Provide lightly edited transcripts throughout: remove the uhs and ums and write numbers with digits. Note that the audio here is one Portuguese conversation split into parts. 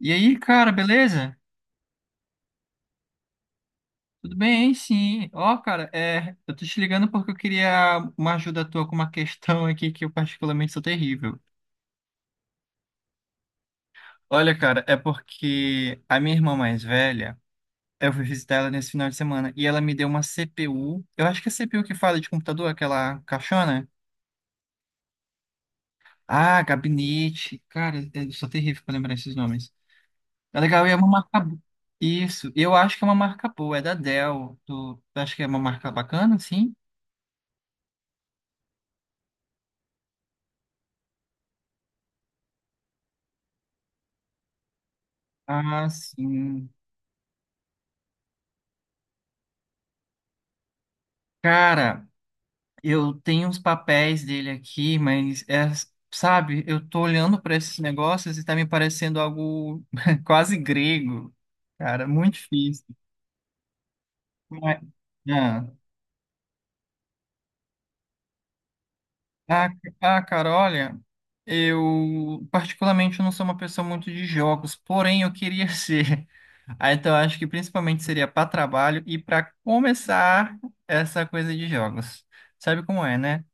E aí, cara, beleza? Tudo bem, sim. Ó, cara, eu tô te ligando porque eu queria uma ajuda tua com uma questão aqui que eu particularmente sou terrível. Olha, cara, é porque a minha irmã mais velha, eu fui visitar ela nesse final de semana e ela me deu uma CPU. Eu acho que é CPU que fala de computador, aquela caixona. Ah, gabinete. Cara, eu sou terrível pra lembrar esses nomes. É legal, e é uma marca. Isso, eu acho que é uma marca boa, é da Dell. Tu acha que é uma marca bacana, sim? Ah, sim. Cara, eu tenho uns papéis dele aqui, mas sabe, eu tô olhando para esses negócios e tá me parecendo algo quase grego, cara, muito difícil. Mas- ah, ah, cara, olha, eu particularmente não sou uma pessoa muito de jogos, porém eu queria ser. Ah, então eu acho que principalmente seria para trabalho e para começar essa coisa de jogos. Sabe como é, né?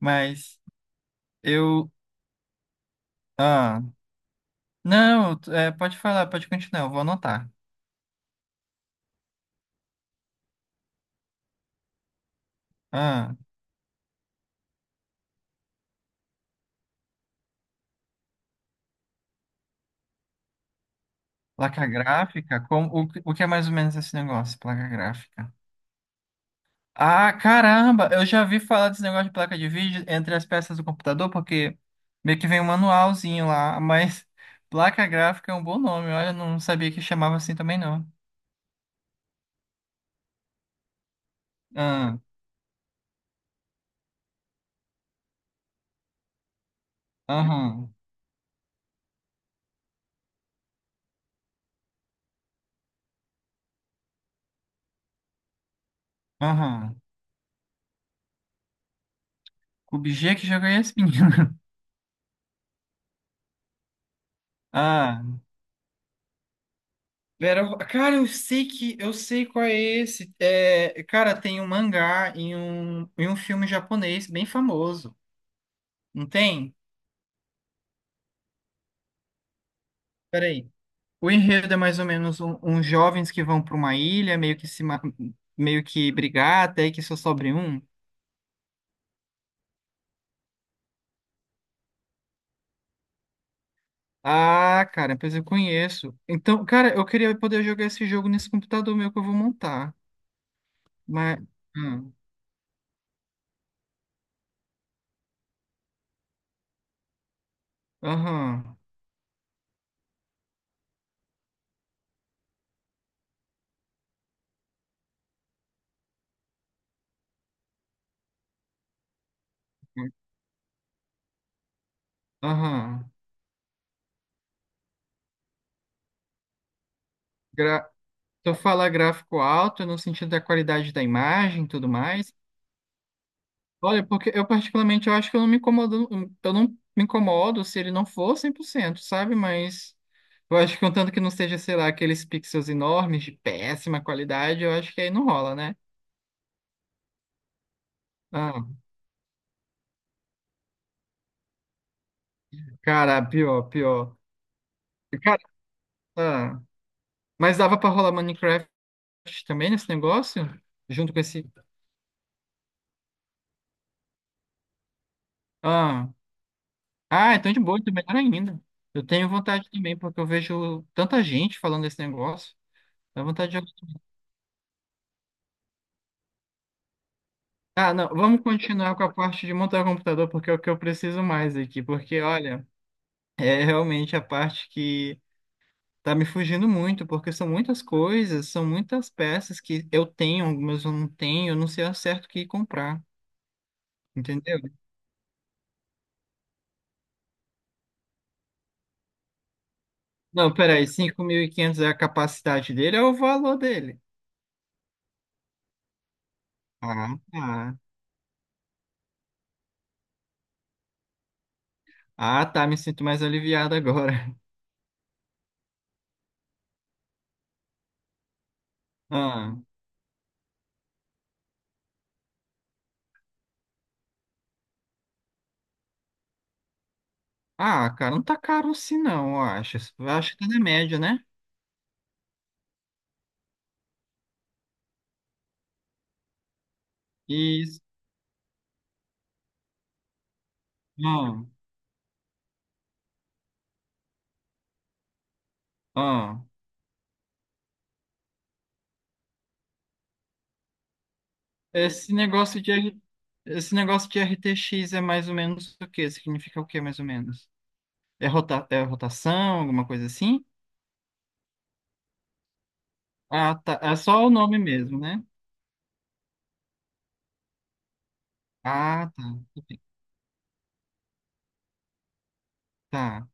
Mas eu. ah, Não, é, pode falar, pode continuar, eu vou anotar. Ah, placa gráfica? O que é mais ou menos esse negócio, placa gráfica? Ah, caramba, eu já vi falar desse negócio de placa de vídeo entre as peças do computador, porque meio que vem um manualzinho lá, mas placa gráfica é um bom nome, olha, eu não sabia que chamava assim também não. Ah, aham, aham. Cube G, que jogo é esse, menino? Ah. Vera, cara, eu sei que eu sei qual é esse. É, cara, tem um mangá e um filme japonês bem famoso. Não tem? Peraí. O enredo é mais ou menos uns jovens que vão para uma ilha, meio que se ma- meio que brigar, até que só sobre um. Ah, cara, pois eu conheço. Então, cara, eu queria poder jogar esse jogo nesse computador meu que eu vou montar. Mas. hum, Aham. Aham. Tu fala gráfico alto no sentido da qualidade da imagem e tudo mais. Olha, porque eu particularmente eu acho que eu não me incomodo, eu não me incomodo se ele não for 100%, sabe? Mas eu acho que contanto que não seja, sei lá, aqueles pixels enormes de péssima qualidade, eu acho que aí não rola, né? Ah, cara, pior, pior. Cara, ah, mas dava pra rolar Minecraft também nesse negócio? Junto com esse. Ah. Ah, então de boa, então melhor ainda. Eu tenho vontade também, porque eu vejo tanta gente falando desse negócio. Dá vontade de. Ah, não, vamos continuar com a parte de montar o computador, porque é o que eu preciso mais aqui. Porque, olha, é realmente a parte que tá me fugindo muito, porque são muitas coisas, são muitas peças que eu tenho, algumas eu não tenho, eu não sei ao certo o que comprar, entendeu? Não, peraí, 5.500 é a capacidade dele, é o valor dele. Ah, tá. Ah, tá, me sinto mais aliviado agora. Ah. Ah, cara, não tá caro assim não, eu acho. Eu acho que tá na média, né? E ah, ah, esse negócio de R- esse negócio de RTX é mais ou menos o quê? Significa o quê, mais ou menos? É, rota, é rotação, alguma coisa assim? Ah, tá. É só o nome mesmo, né? Ah, tá. Entendi. Tá.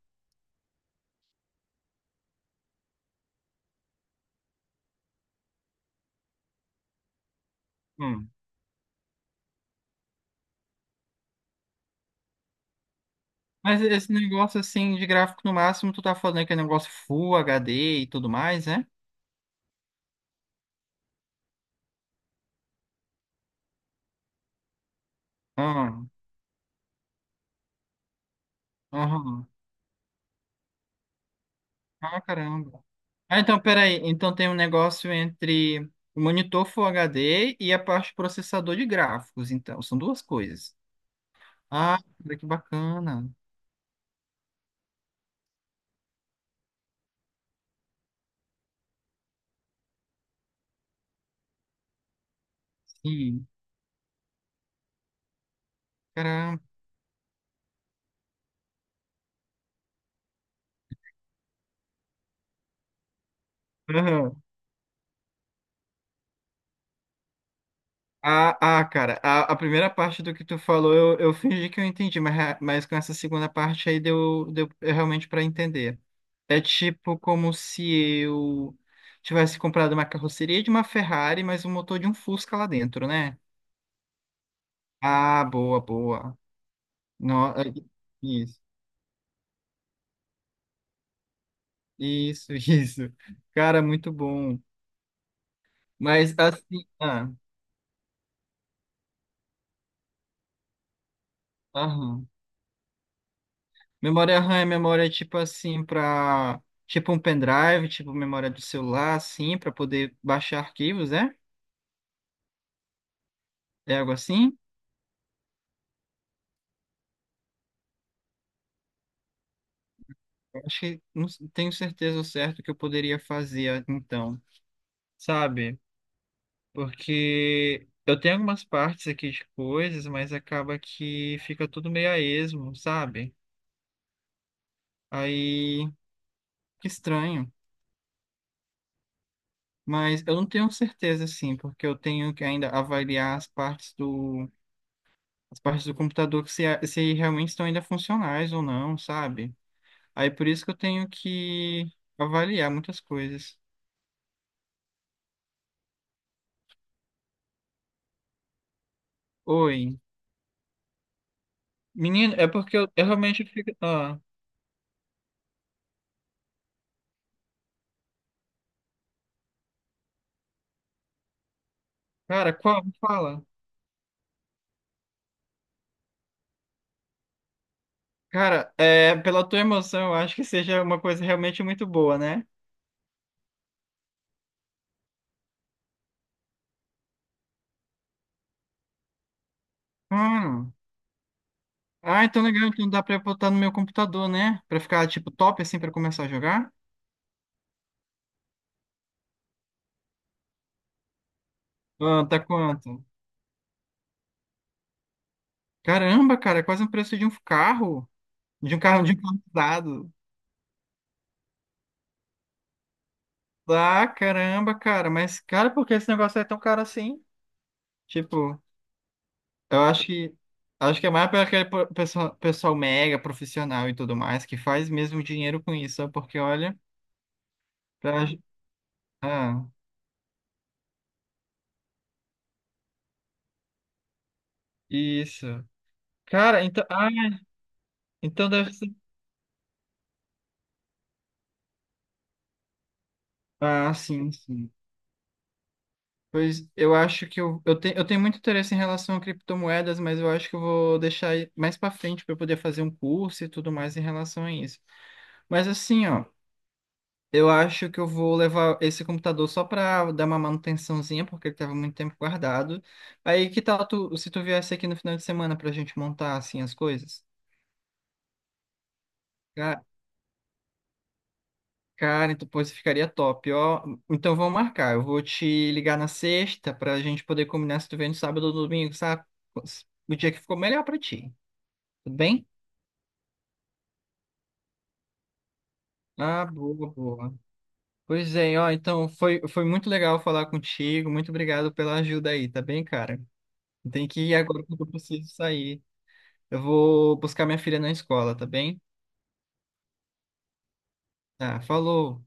Hum. Mas esse negócio assim de gráfico no máximo, tu tá falando que é negócio Full HD e tudo mais, né? Ah, aham. Ah, caramba. Ah, então, peraí. Então tem um negócio entre o monitor Full HD e a parte processador de gráficos, então. São duas coisas. Ah, cara, que bacana. Sim, caramba. Aham. Cara, a primeira parte do que tu falou eu fingi que eu entendi, mas, mas com essa segunda parte aí deu realmente para entender. É tipo como se eu tivesse comprado uma carroceria de uma Ferrari, mas o motor de um Fusca lá dentro, né? Ah, boa, boa. No, é, isso, isso, isso. Cara, muito bom. Mas assim, ah, aham. Memória RAM é memória tipo assim para tipo um pendrive, tipo memória do celular assim, para poder baixar arquivos, né? É algo assim? Eu acho que não s- tenho certeza ao certo que eu poderia fazer então, sabe? Porque eu tenho algumas partes aqui de coisas, mas acaba que fica tudo meio a esmo, sabe? Aí, que estranho. Mas eu não tenho certeza, assim, porque eu tenho que ainda avaliar as partes do computador que se realmente estão ainda funcionais ou não, sabe? Aí por isso que eu tenho que avaliar muitas coisas. Oi. Menino, é porque eu realmente fico. Ah, cara, qual? Fala. Cara, é, pela tua emoção, eu acho que seja uma coisa realmente muito boa, né? Hum. Ah, então legal, então dá pra eu botar no meu computador, né? Pra ficar, tipo, top, assim, pra começar a jogar? Ah, tá quanto? Caramba, cara, é quase o preço de um carro, de um carro usado. Ah, caramba, cara, mas cara, por que esse negócio é tão caro assim? Tipo, eu acho que é mais para aquele pessoal, pessoal mega profissional e tudo mais que faz mesmo dinheiro com isso, sabe? Porque olha, pra- ah, isso. Cara, então, então deve ser. Ah, sim, sim. Pois eu acho que eu tenho muito interesse em relação a criptomoedas, mas eu acho que eu vou deixar aí mais para frente para poder fazer um curso e tudo mais em relação a isso. Mas assim, ó, eu acho que eu vou levar esse computador só para dar uma manutençãozinha, porque ele estava muito tempo guardado. Aí que tal tu, se tu viesse aqui no final de semana para a gente montar assim as coisas? Cara, então, pô, isso ficaria top, ó. Então vamos marcar. Eu vou te ligar na sexta pra gente poder combinar se tu vem no sábado ou domingo, sabe? O dia que ficou melhor pra ti. Tudo bem? Ah, boa, boa. Pois é, ó. Então foi muito legal falar contigo. Muito obrigado pela ajuda aí, tá bem, cara? Tem que ir agora porque eu preciso sair. Eu vou buscar minha filha na escola, tá bem? Tá, falou.